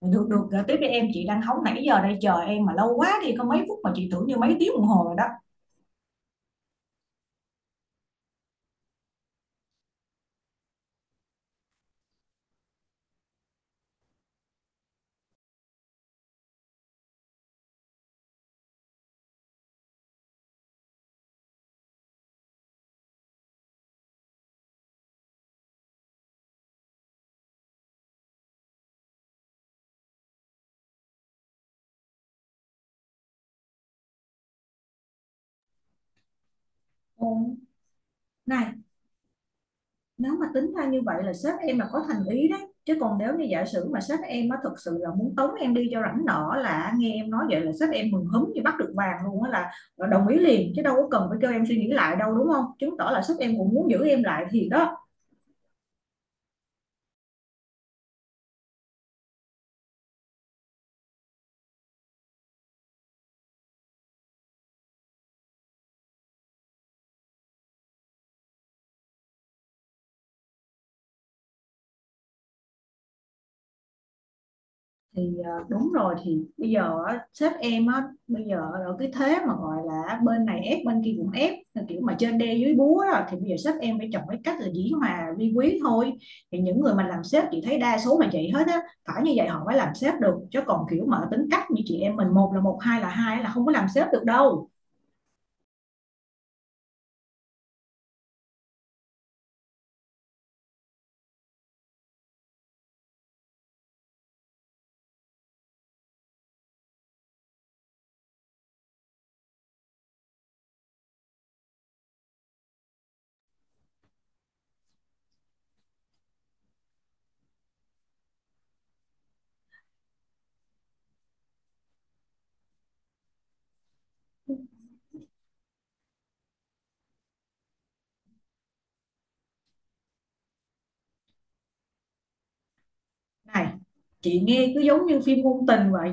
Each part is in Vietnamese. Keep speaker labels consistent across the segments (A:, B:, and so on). A: Được, được, gửi tiếp đi em, chị đang hóng nãy giờ đây, chờ em mà lâu quá đi, có mấy phút mà chị tưởng như mấy tiếng đồng hồ rồi đó. Ừ. Này, nếu mà tính ra như vậy là sếp em là có thành ý đấy. Chứ còn nếu như giả sử mà sếp em á thực sự là muốn tống em đi cho rảnh nọ, là nghe em nói vậy là sếp em mừng húm như bắt được vàng luôn á, là đồng ý liền chứ đâu có cần phải kêu em suy nghĩ lại đâu, đúng không? Chứng tỏ là sếp em cũng muốn giữ em lại thì đó. Đúng rồi, thì bây giờ á, sếp em á, bây giờ ở cái thế mà gọi là bên này ép bên kia cũng ép, là kiểu mà trên đe dưới búa đó, thì bây giờ sếp em phải chọn cái cách là dĩ hòa vi quý thôi. Thì những người mà làm sếp chị thấy đa số là vậy hết á, phải như vậy họ mới làm sếp được. Chứ còn kiểu mà tính cách như chị em mình, một là một hai là hai, là không có làm sếp được đâu. Này, chị nghe cứ giống như phim ngôn tình vậy.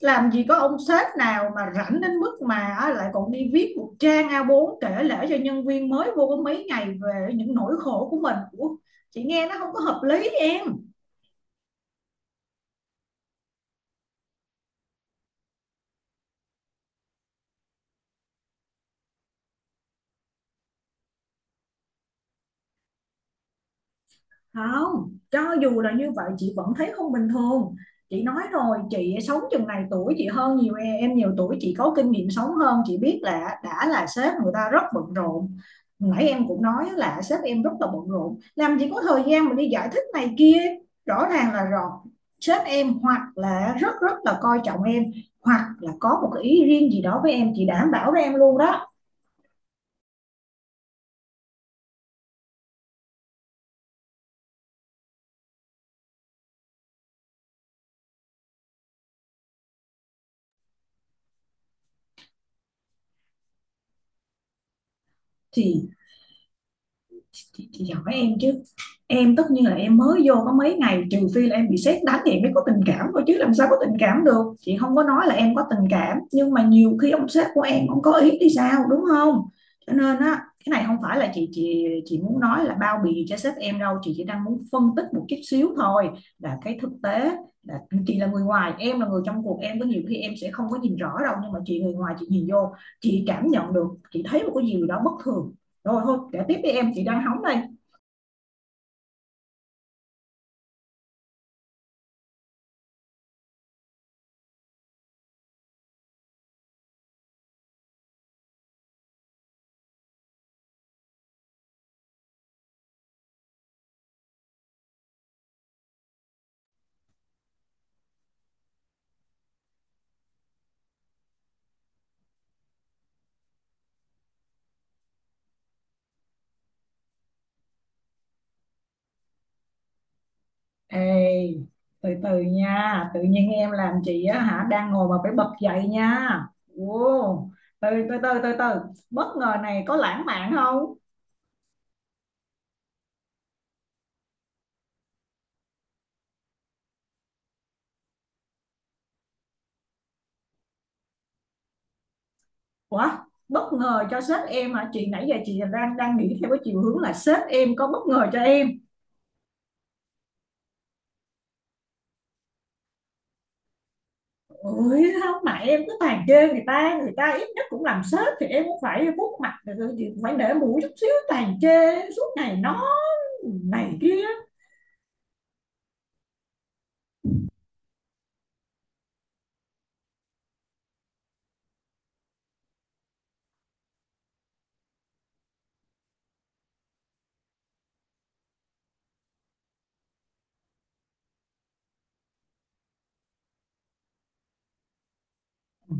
A: Làm gì có ông sếp nào mà rảnh đến mức mà á, lại còn đi viết một trang A4 kể lể cho nhân viên mới vô có mấy ngày về những nỗi khổ của mình. Ủa, chị nghe nó không có hợp lý em. Không, cho dù là như vậy chị vẫn thấy không bình thường. Chị nói rồi, chị sống chừng này tuổi, chị hơn nhiều em nhiều tuổi chị, có kinh nghiệm sống hơn, chị biết là đã là sếp người ta rất bận rộn. Nãy em cũng nói là sếp em rất là bận rộn, làm gì có thời gian mà đi giải thích này kia. Rõ ràng là rồi, sếp em hoặc là rất rất là coi trọng em, hoặc là có một cái ý riêng gì đó với em, chị đảm bảo với em luôn đó. Thì chị hỏi em chứ, em tất nhiên là em mới vô có mấy ngày, trừ phi là em bị sét đánh thì em mới có tình cảm thôi, chứ làm sao có tình cảm được. Chị không có nói là em có tình cảm, nhưng mà nhiều khi ông sếp của em ông có ý thì sao, đúng không? Cho nên á, cái này không phải là chị muốn nói là bao bì cho sếp em đâu, chị chỉ đang muốn phân tích một chút xíu thôi. Là cái thực tế là chị là người ngoài, em là người trong cuộc, em có nhiều khi em sẽ không có nhìn rõ đâu, nhưng mà chị người ngoài chị nhìn vô, chị cảm nhận được, chị thấy một cái gì đó bất thường. Rồi thôi, kể tiếp đi em, chị đang hóng đây. Ê, từ từ nha. Tự nhiên em làm chị á hả, đang ngồi mà phải bật dậy nha. Wow. Từ từ từ từ từ Bất ngờ này có lãng mạn không? Ủa, bất ngờ cho sếp em hả? Chị nãy giờ chị đang đang nghĩ theo cái chiều hướng là sếp em có bất ngờ cho em. Ôi không, mà em cứ tàn chê người ta. Người ta ít nhất cũng làm sếp, thì em cũng phải vuốt mặt rồi, chị cũng phải để mũi chút xíu. Tàn chê suốt ngày nó này kia.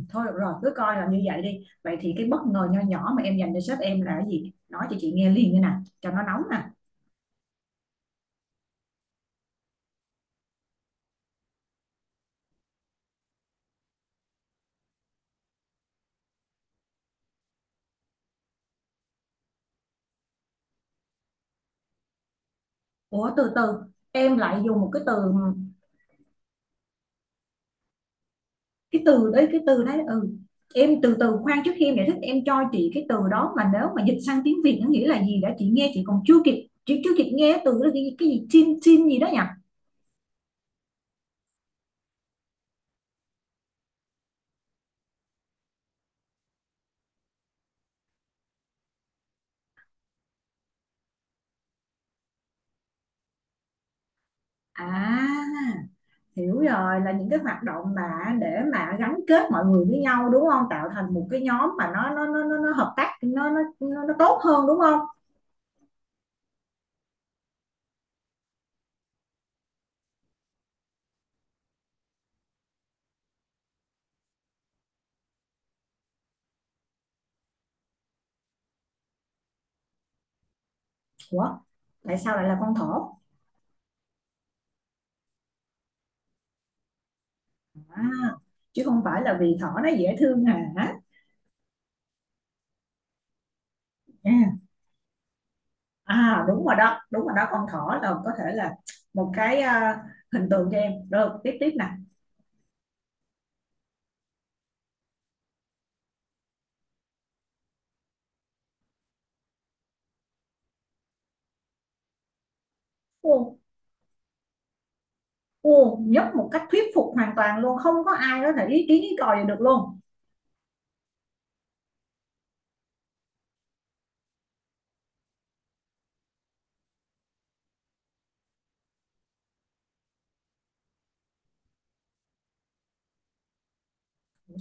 A: Thôi được rồi, cứ coi là như vậy đi. Vậy thì cái bất ngờ nho nhỏ mà em dành cho sếp em là cái gì? Nói cho chị nghe liền như nè, cho nó nóng nè. Ủa, từ từ, em lại dùng một cái từ. Cái từ đấy ừ. Em từ từ khoan, trước khi em giải thích em cho chị cái từ đó mà nếu mà dịch sang tiếng Việt nó nghĩa là gì đã. Chị nghe chị còn chưa kịp, chị chưa kịp nghe từ đó, cái gì chim chim gì đó nhỉ? À, hiểu rồi, là những cái hoạt động mà để mà gắn kết mọi người với nhau đúng không, tạo thành một cái nhóm mà nó hợp tác nó tốt hơn, đúng không? Ủa, tại sao lại là con thỏ? À, chứ không phải là vì thỏ nó dễ thương hả? À, à đúng rồi đó, đúng rồi đó, con thỏ là có thể là một cái à, hình tượng cho em rồi. Tiếp tiếp nè. Ô, ô, nhất một cách thuyết phục hoàn toàn luôn, không có ai có thể ý kiến ý còi gì được luôn.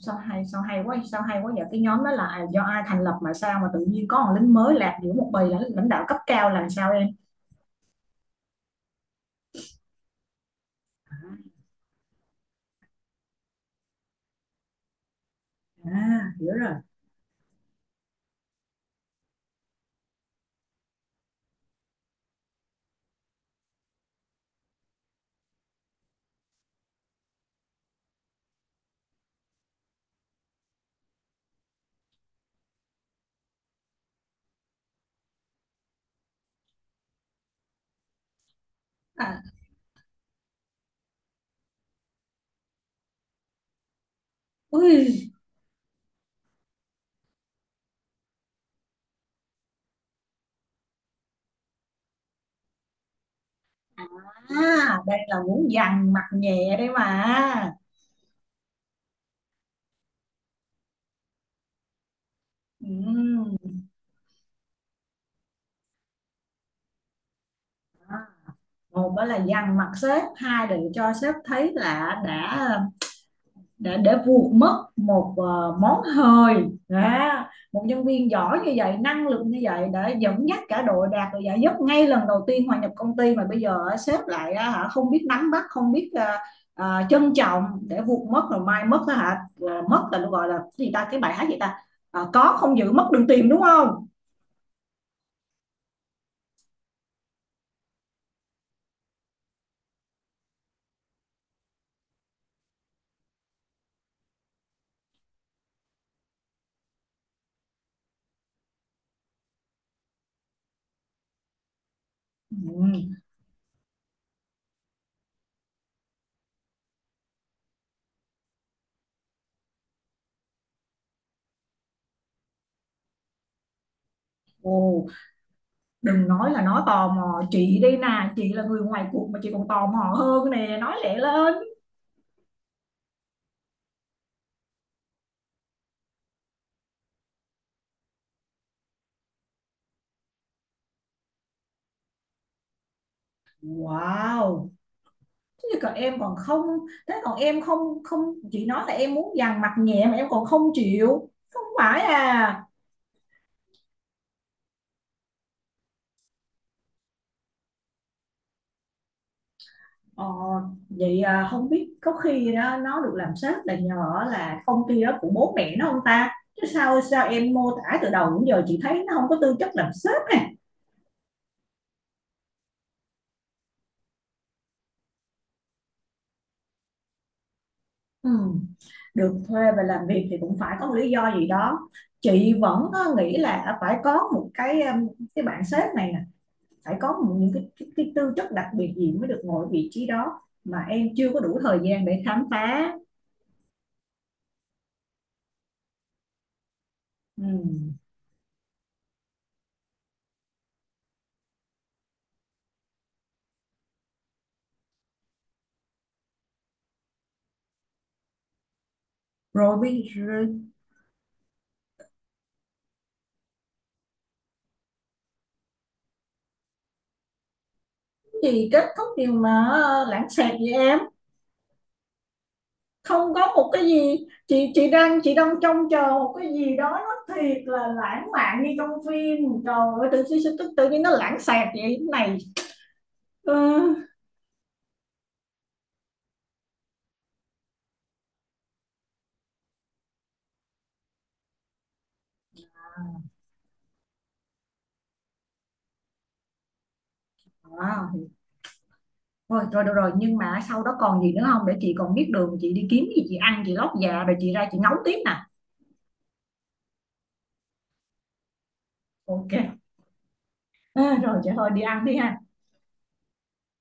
A: Sao hay quá vậy. Cái nhóm đó là do ai thành lập mà sao mà tự nhiên có một lính mới lạc giữa một bầy lãnh lãnh đạo cấp cao là sao em? À hiểu rồi. À, ui. À, đây là muốn dằn mặt nhẹ đấy mà. Ừm, một đó là dằn mặt sếp, hai là cho sếp thấy là đã để vuột mất một món hời. Đó. Một nhân viên giỏi như vậy, năng lực như vậy, để dẫn dắt cả đội đạt được giải nhất ngay lần đầu tiên hòa nhập công ty, mà bây giờ sếp lại hả, không biết nắm bắt, không biết trân trọng, để vuột mất rồi. Mai mất á hả, mất là nó gọi là cái gì ta, cái bài hát gì ta? Có không giữ mất đừng tìm đúng không? Ừ. Ồ, đừng nói là nó tò mò, chị đi nè, chị là người ngoài cuộc mà chị còn tò mò hơn nè, nói lẹ lên. Wow. Thế còn em còn không, thế còn em không không, chị nói là em muốn dằn mặt nhẹ mà em còn không chịu, không phải à? ờ, Vậy à, không biết có khi đó nó được làm sếp là nhờ là công ty đó của bố mẹ nó không ta, chứ sao sao em mô tả từ đầu đến giờ chị thấy nó không có tư chất làm sếp này. Ừ, được thuê về làm việc thì cũng phải có một lý do gì đó. Chị vẫn nghĩ là phải có một cái cái bạn sếp này phải có những cái tư chất đặc biệt gì mới được ngồi vị trí đó mà em chưa có đủ thời gian để khám phá. Ừ. Rồi bây rồi, cái gì kết thúc điều mà lãng xẹt vậy em? Không có một cái gì, chị đang chị đang trông chờ một cái gì đó nó thiệt là lãng mạn như trong phim, trời ơi, tự nhiên tự nhiên nó lãng xẹt vậy cái này. Ừ. À, rồi, rồi, nhưng mà sau đó còn gì nữa không để chị còn biết đường chị đi kiếm gì chị ăn chị lót dạ rồi chị ra chị ngấu tiếp nè. OK. À, rồi, trời ơi, đi ăn đi ha.